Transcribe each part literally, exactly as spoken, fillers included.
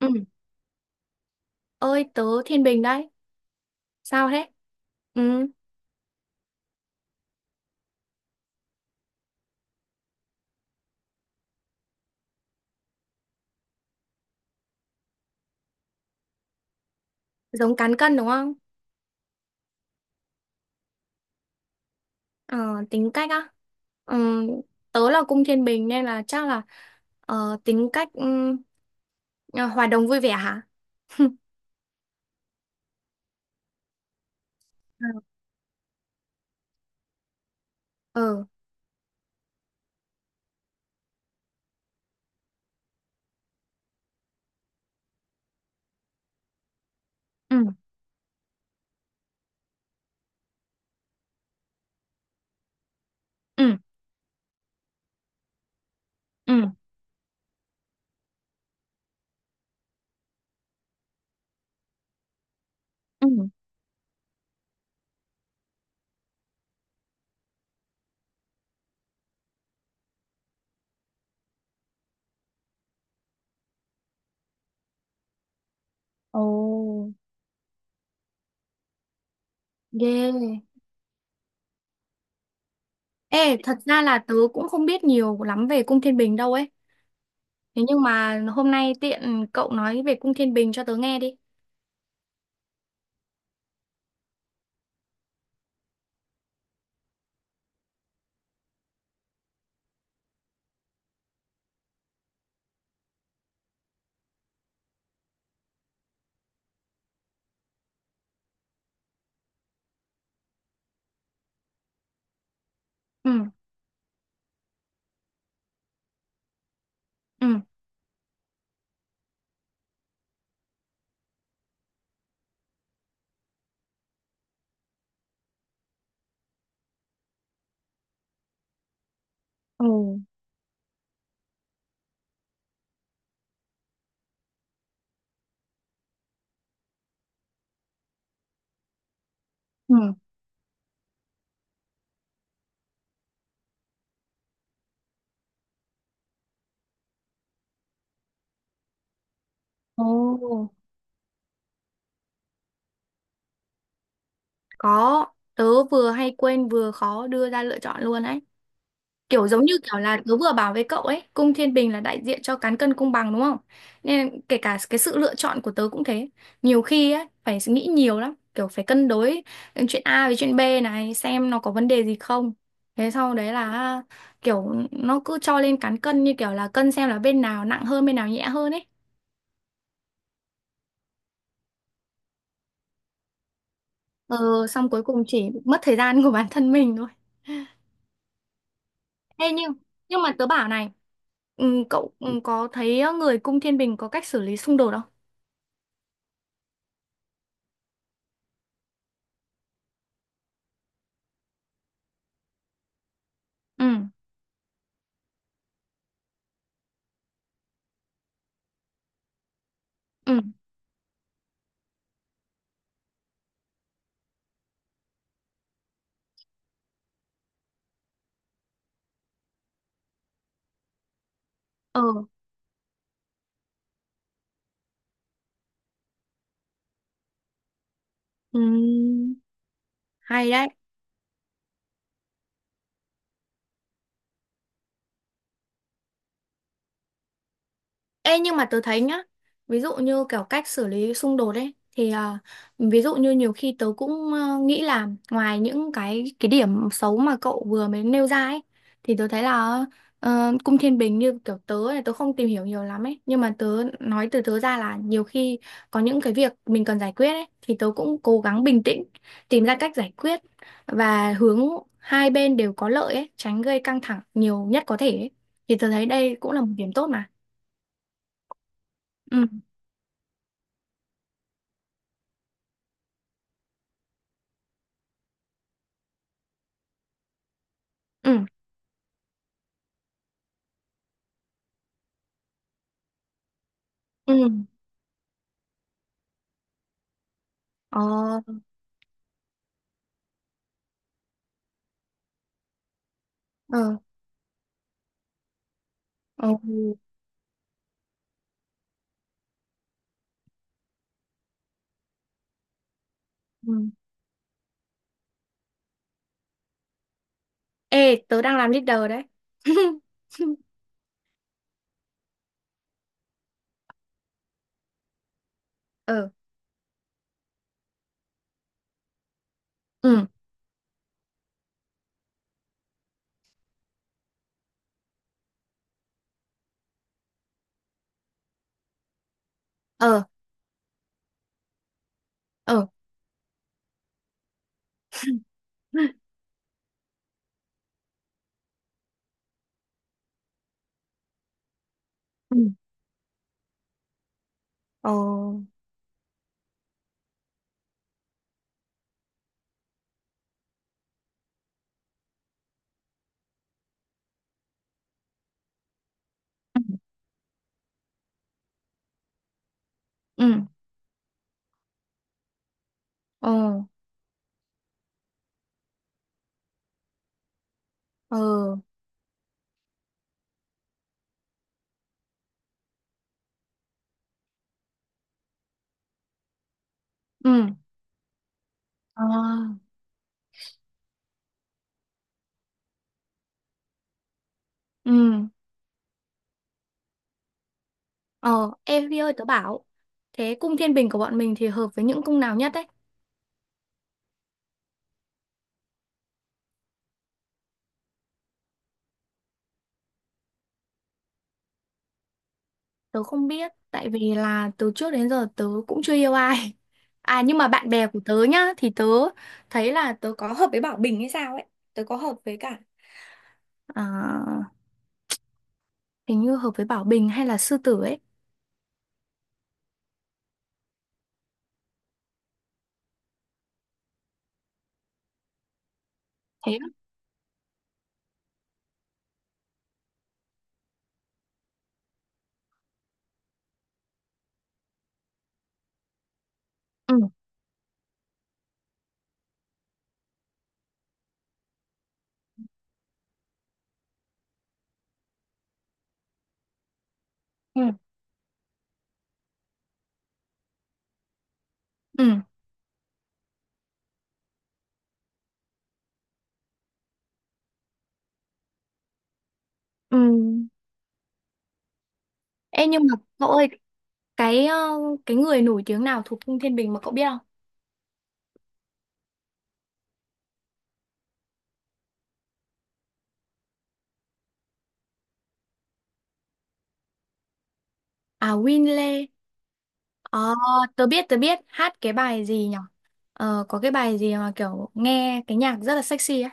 Ừ. Ơi tớ Thiên Bình đấy. Sao thế? Ừ. Giống cán cân đúng không? Ờ, tính cách á. Ừ. Tớ là cung Thiên Bình nên là chắc là ờ, tính cách ừ, à, hòa đồng vui vẻ hả? Ừ. Ừ. Ừ. Ừ. Ừ. Ừ. Ồ, ghê. Ê, thật ra là tớ cũng không biết nhiều lắm về cung Thiên Bình đâu ấy. Thế nhưng mà hôm nay tiện cậu nói về cung Thiên Bình cho tớ nghe đi. Ừ. Ừ. Ừ. Ừ. Ồ. Có, tớ vừa hay quên vừa khó đưa ra lựa chọn luôn ấy. Kiểu giống như kiểu là tớ vừa bảo với cậu ấy, cung thiên bình là đại diện cho cán cân công bằng đúng không? Nên kể cả cái sự lựa chọn của tớ cũng thế. Nhiều khi ấy, phải nghĩ nhiều lắm, kiểu phải cân đối chuyện A với chuyện B này, xem nó có vấn đề gì không. Thế sau đấy là kiểu nó cứ cho lên cán cân như kiểu là cân xem là bên nào nặng hơn, bên nào nhẹ hơn ấy. Ờ, xong cuối cùng chỉ mất thời gian của bản thân mình thôi. Ê, nhưng nhưng mà tớ bảo này, ừ, cậu ừ, có thấy ờ, người cung thiên bình có cách xử lý xung đột không? Ừ. Ừ. Ờ. Ừ. Hay đấy. Ê, nhưng mà tớ thấy nhá, ví dụ như kiểu cách xử lý xung đột ấy thì à, ví dụ như nhiều khi tớ cũng ờ, nghĩ là ngoài những cái cái điểm xấu mà cậu vừa mới nêu ra ấy thì tớ thấy là ờ, cung thiên bình như kiểu tớ này, tớ không tìm hiểu nhiều lắm ấy, nhưng mà tớ nói từ tớ ra là nhiều khi có những cái việc mình cần giải quyết ấy thì tớ cũng cố gắng bình tĩnh, tìm ra cách giải quyết và hướng hai bên đều có lợi ấy, tránh gây căng thẳng nhiều nhất có thể ấy. Thì tớ thấy đây cũng là một điểm tốt mà. Ừ. Ừ, ừ, ờ, ờ, ờ, ừ. Ê, tớ đang làm leader đấy. Ờ, ừ, ờ, ờ, ừ, ờ, ừ, ừ, ờ, ờ, ừ, ờ, ừ, ờ. Ê, Vi ơi, tớ bảo, thế cung thiên bình của bọn mình thì hợp với những cung nào nhất đấy? Tớ không biết, tại vì là từ trước đến giờ tớ cũng chưa yêu ai. À, nhưng mà bạn bè của tớ nhá, thì tớ thấy là tớ có hợp với Bảo Bình hay sao ấy. Tớ có hợp với cả à, hình như hợp với Bảo Bình hay là Sư Tử ấy. Thế á? Ừ. Ừ. Ừ. Ừ. Ê, nhưng mà cậu ơi, cái ờ, cái người nổi tiếng nào thuộc cung Thiên Bình mà cậu biết không? À, Winley. Ờ, tớ biết, tớ biết hát cái bài gì nhở. Ờ, có cái bài gì mà kiểu nghe cái nhạc rất là sexy ấy.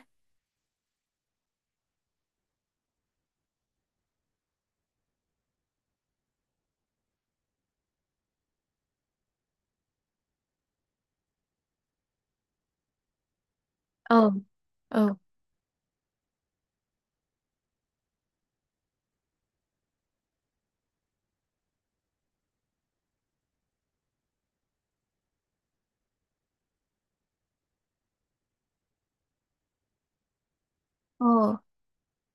Ờ, ờ, ờ.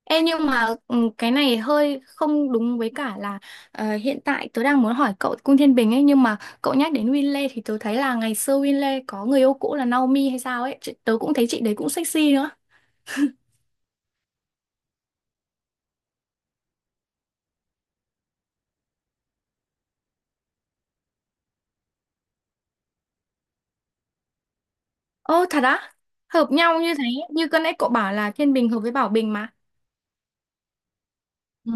Ê, nhưng mà ừ, cái này hơi không đúng với cả là ờ, hiện tại tớ đang muốn hỏi cậu Cung Thiên Bình ấy, nhưng mà cậu nhắc đến Winley thì tớ thấy là ngày xưa Winley có người yêu cũ là Naomi hay sao ấy. Chị- tớ cũng thấy chị đấy cũng sexy nữa. Ô thật á? Hợp nhau như thế, như cái nãy cậu bảo là Thiên Bình hợp với Bảo Bình mà. Ừ.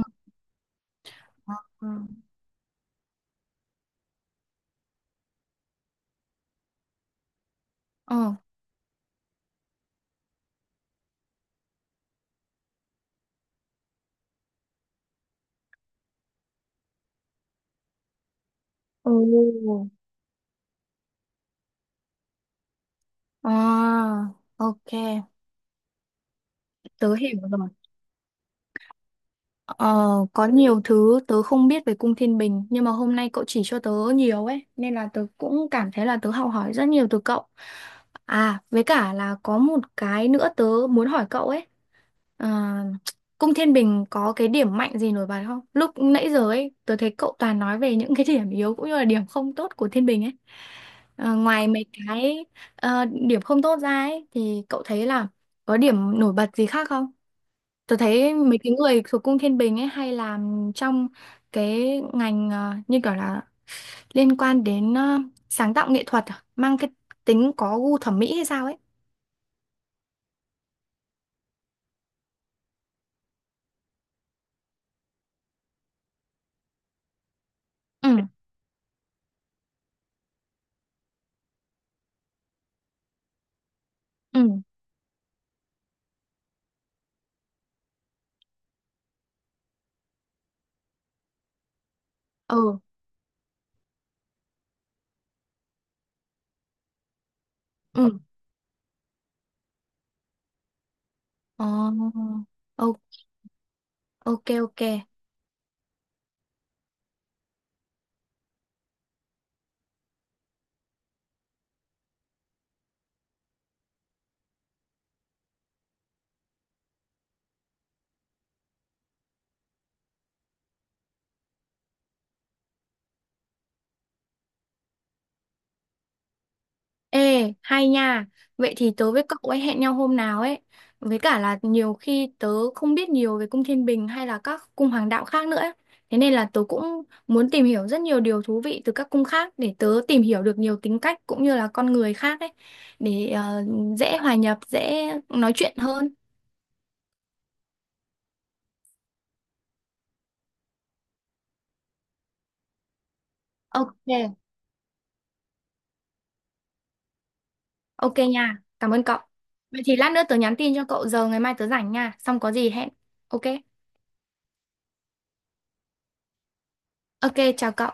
Ờ. Ồ. Ờ. Ok, tớ hiểu rồi. Ờ, có nhiều thứ tớ không biết về cung Thiên Bình nhưng mà hôm nay cậu chỉ cho tớ nhiều ấy nên là tớ cũng cảm thấy là tớ học hỏi rất nhiều từ cậu. À, với cả là có một cái nữa tớ muốn hỏi cậu ấy. À, cung Thiên Bình có cái điểm mạnh gì nổi bật không? Lúc nãy giờ ấy tớ thấy cậu toàn nói về những cái điểm yếu cũng như là điểm không tốt của Thiên Bình ấy. Ờ, ngoài mấy cái ờ, điểm không tốt ra ấy thì cậu thấy là có điểm nổi bật gì khác không? Tôi thấy mấy cái người thuộc cung Thiên Bình ấy hay làm trong cái ngành ờ, như kiểu là liên quan đến ờ, sáng tạo nghệ thuật à? Mang cái tính có gu thẩm mỹ hay sao ấy. Ừ. Ừ. Ừ, ừ. Ờ, ô- ok ok. Ê, hay nha. Vậy thì tớ với cậu ấy hẹn nhau hôm nào ấy. Với cả là nhiều khi tớ không biết nhiều về cung Thiên Bình hay là các cung hoàng đạo khác nữa ấy. Thế nên là tớ cũng muốn tìm hiểu rất nhiều điều thú vị từ các cung khác để tớ tìm hiểu được nhiều tính cách cũng như là con người khác ấy. Để ờ, dễ hòa nhập, dễ nói chuyện hơn. Ok, ok nha. Cảm ơn cậu. Vậy thì lát nữa tớ nhắn tin cho cậu giờ ngày mai tớ rảnh nha. Xong có gì hẹn. Ok, ok, chào cậu.